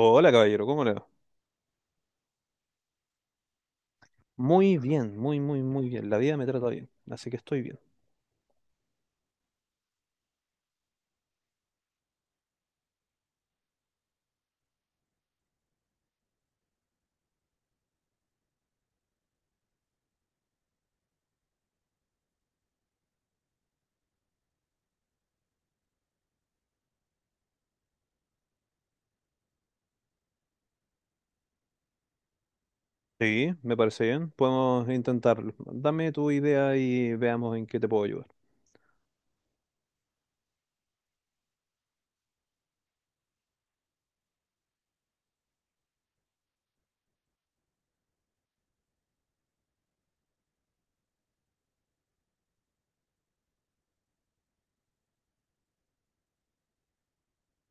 Hola, caballero, ¿cómo le va? Muy bien, muy, muy, muy bien. La vida me trata bien, así que estoy bien. Sí, me parece bien. Podemos intentarlo. Dame tu idea y veamos en qué te puedo ayudar.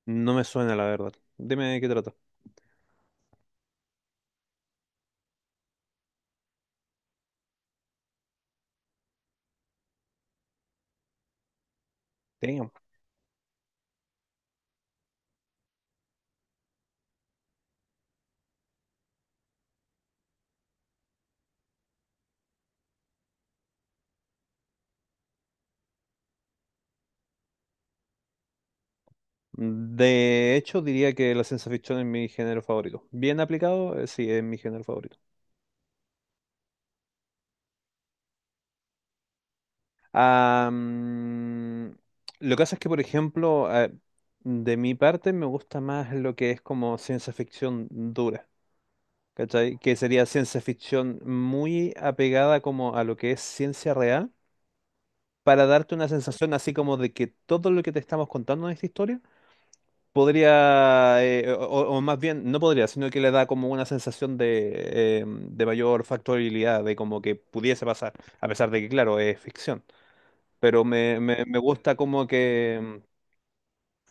No me suena, la verdad. Dime de qué trata. Damn. De hecho, diría que la ciencia ficción es mi género favorito. Bien aplicado, sí, es mi género favorito. Ah, mm, lo que pasa es que, por ejemplo, de mi parte me gusta más lo que es como ciencia ficción dura. ¿Cachai? Que sería ciencia ficción muy apegada como a lo que es ciencia real, para darte una sensación así como de que todo lo que te estamos contando en esta historia podría, o más bien, no podría, sino que le da como una sensación de mayor factibilidad, de como que pudiese pasar, a pesar de que, claro, es ficción. Pero me gusta como que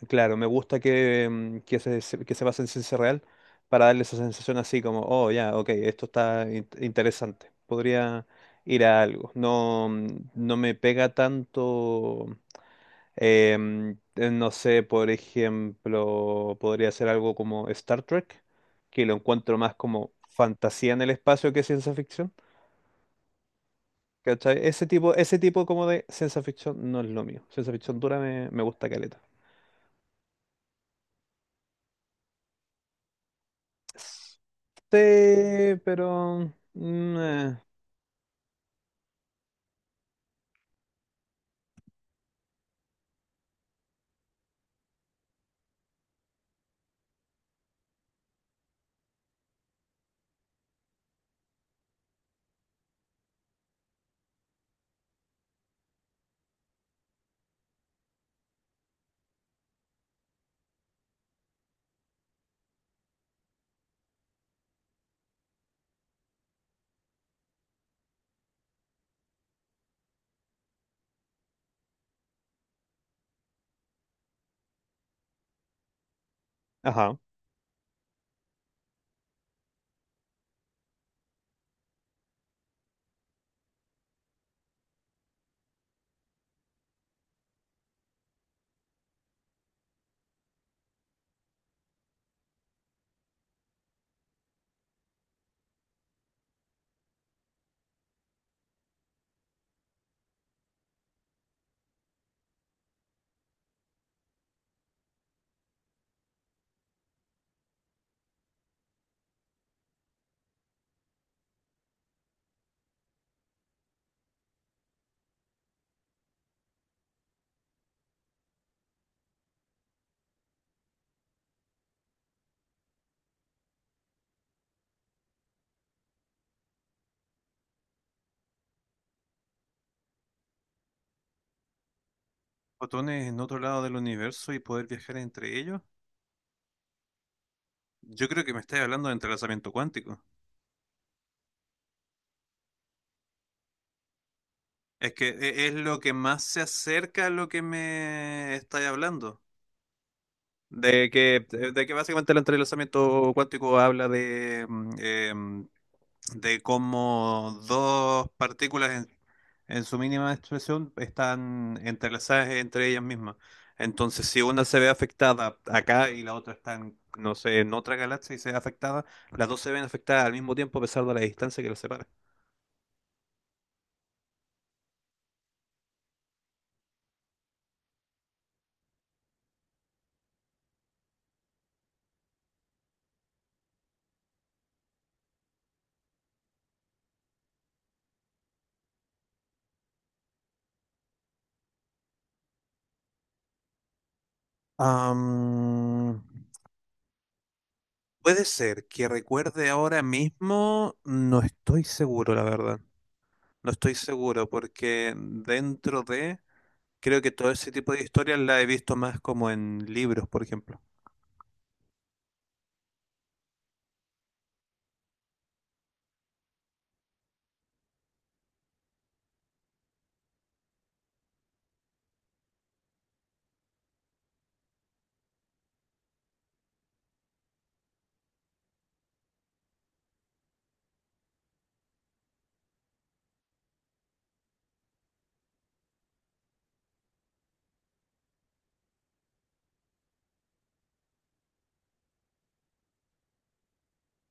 claro, me gusta que, que que se base en ciencia real para darle esa sensación así como, oh, ya, ok, esto está interesante, podría ir a algo. No, no me pega tanto, em, no sé, por ejemplo, podría ser algo como Star Trek, que lo encuentro más como fantasía en el espacio que ciencia ficción. ¿Cachai? Ese tipo como de ciencia ficción no es lo mío. Ciencia ficción dura me gusta caleta. Sí, pero... mm, eh, ajá. Fotones en otro lado del universo y poder viajar entre ellos. Yo creo que me estáis hablando de entrelazamiento cuántico. Es que es lo que más se acerca a lo que me estáis hablando. De que básicamente el entrelazamiento cuántico habla de, de cómo dos partículas en su mínima expresión están entrelazadas entre ellas mismas. Entonces, si una se ve afectada acá y la otra está en, no sé, en otra galaxia y se ve afectada, las dos se ven afectadas al mismo tiempo a pesar de la distancia que las separa. Am, puede ser que recuerde ahora mismo, no estoy seguro, la verdad. No estoy seguro porque dentro de, creo que todo ese tipo de historias la he visto más como en libros, por ejemplo.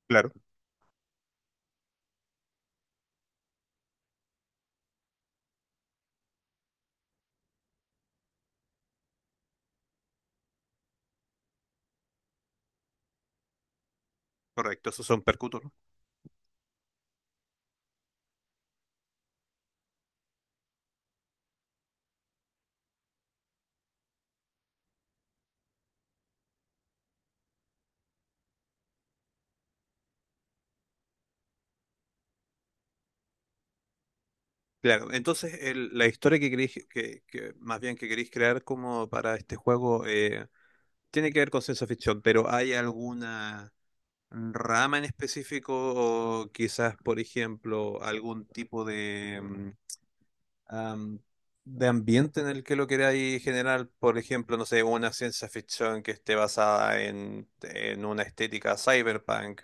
Claro. Correcto, esos son percutor. Claro, entonces la historia que queréis, que más bien que queréis crear como para este juego tiene que ver con ciencia ficción, pero ¿hay alguna rama en específico o quizás, por ejemplo, algún tipo de, am, de ambiente en el que lo queráis generar, por ejemplo, no sé, una ciencia ficción que esté basada en una estética cyberpunk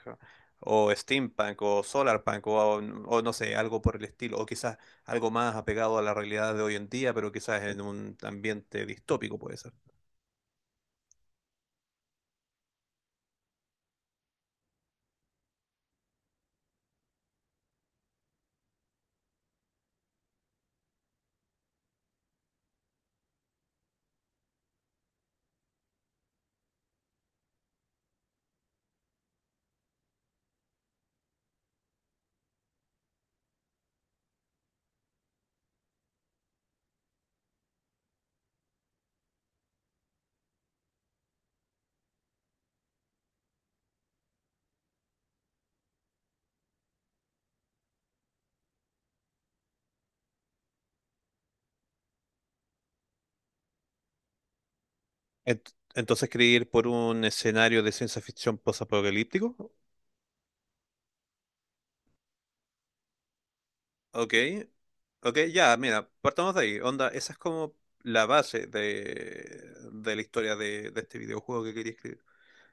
o steampunk o solarpunk o no sé, algo por el estilo, o quizás algo más apegado a la realidad de hoy en día, pero quizás en un ambiente distópico puede ser. Entonces, ¿queréis ir por un escenario de ciencia ficción post-apocalíptico? Ok, ok, ya, mira, partamos de ahí. Onda, esa es como la base de la historia de este videojuego que quería escribir.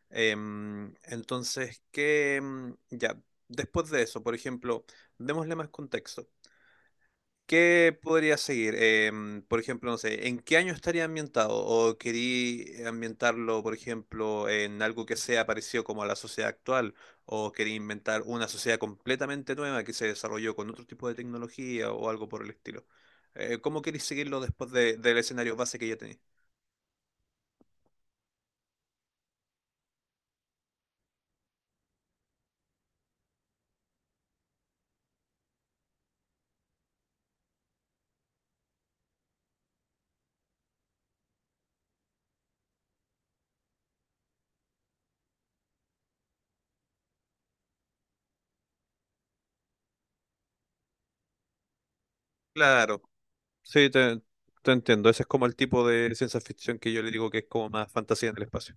Em, entonces, que ya, después de eso, por ejemplo, démosle más contexto. ¿Qué podría seguir? Em, por ejemplo, no sé, ¿en qué año estaría ambientado? ¿O querí ambientarlo, por ejemplo, en algo que sea parecido como a la sociedad actual? ¿O querí inventar una sociedad completamente nueva que se desarrolló con otro tipo de tecnología o algo por el estilo? ¿Cómo queréis seguirlo después del escenario base que ya tenéis? Claro. Sí, te entiendo. Ese es como el tipo de ciencia ficción que yo le digo que es como más fantasía en el espacio.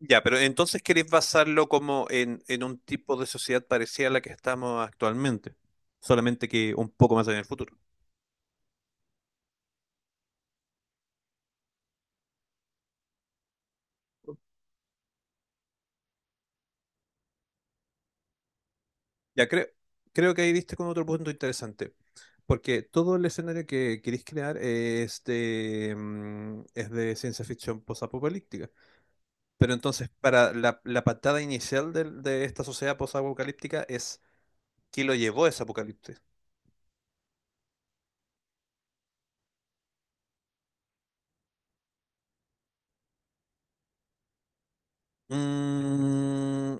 Ya, pero entonces queréis basarlo como en un tipo de sociedad parecida a la que estamos actualmente, solamente que un poco más allá en el futuro. Ya creo, creo que ahí diste con otro punto interesante, porque todo el escenario que queréis crear es de, es de ciencia ficción posapocalíptica. Pero entonces, para la, la patada inicial de esta sociedad posapocalíptica es ¿qué lo llevó a ese apocalipsis? Mm,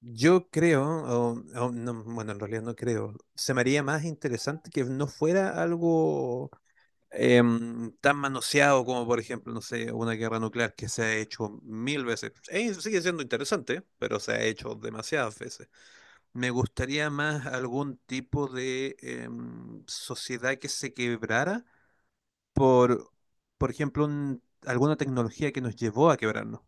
yo creo, o no, bueno, en realidad no creo, se me haría más interesante que no fuera algo tan manoseado como, por ejemplo, no sé, una guerra nuclear que se ha hecho mil veces. Sigue siendo interesante, pero se ha hecho demasiadas veces. Me gustaría más algún tipo de sociedad que se quebrara por, por ejemplo, alguna tecnología que nos llevó a quebrarnos.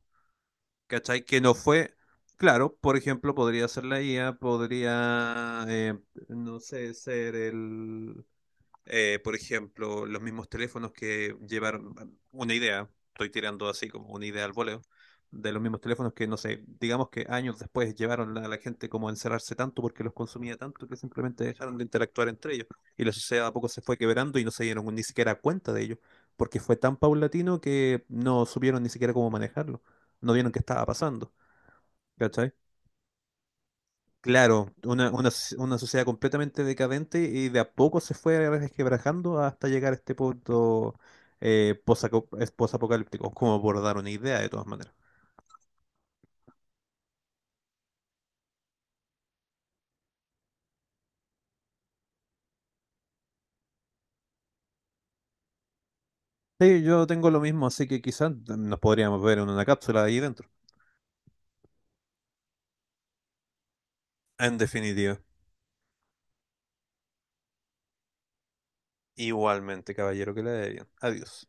¿Cachai? Que no fue. Claro, por ejemplo, podría ser la IA, podría, no sé, ser el, por ejemplo, los mismos teléfonos que llevaron bueno, una idea, estoy tirando así como una idea al voleo, de los mismos teléfonos que, no sé, digamos que años después llevaron a la gente como a encerrarse tanto porque los consumía tanto que simplemente dejaron de interactuar entre ellos. Y la sociedad a poco se fue quebrando y no se dieron ni siquiera cuenta de ello, porque fue tan paulatino que no supieron ni siquiera cómo manejarlo, no vieron qué estaba pasando, ¿cachai? Claro, una sociedad completamente decadente y de a poco se fue resquebrajando hasta llegar a este punto posapocalíptico, como por dar una idea de todas maneras. Sí, yo tengo lo mismo, así que quizás nos podríamos ver en una cápsula ahí dentro. En definitiva. Igualmente, caballero, que le dé bien. Adiós.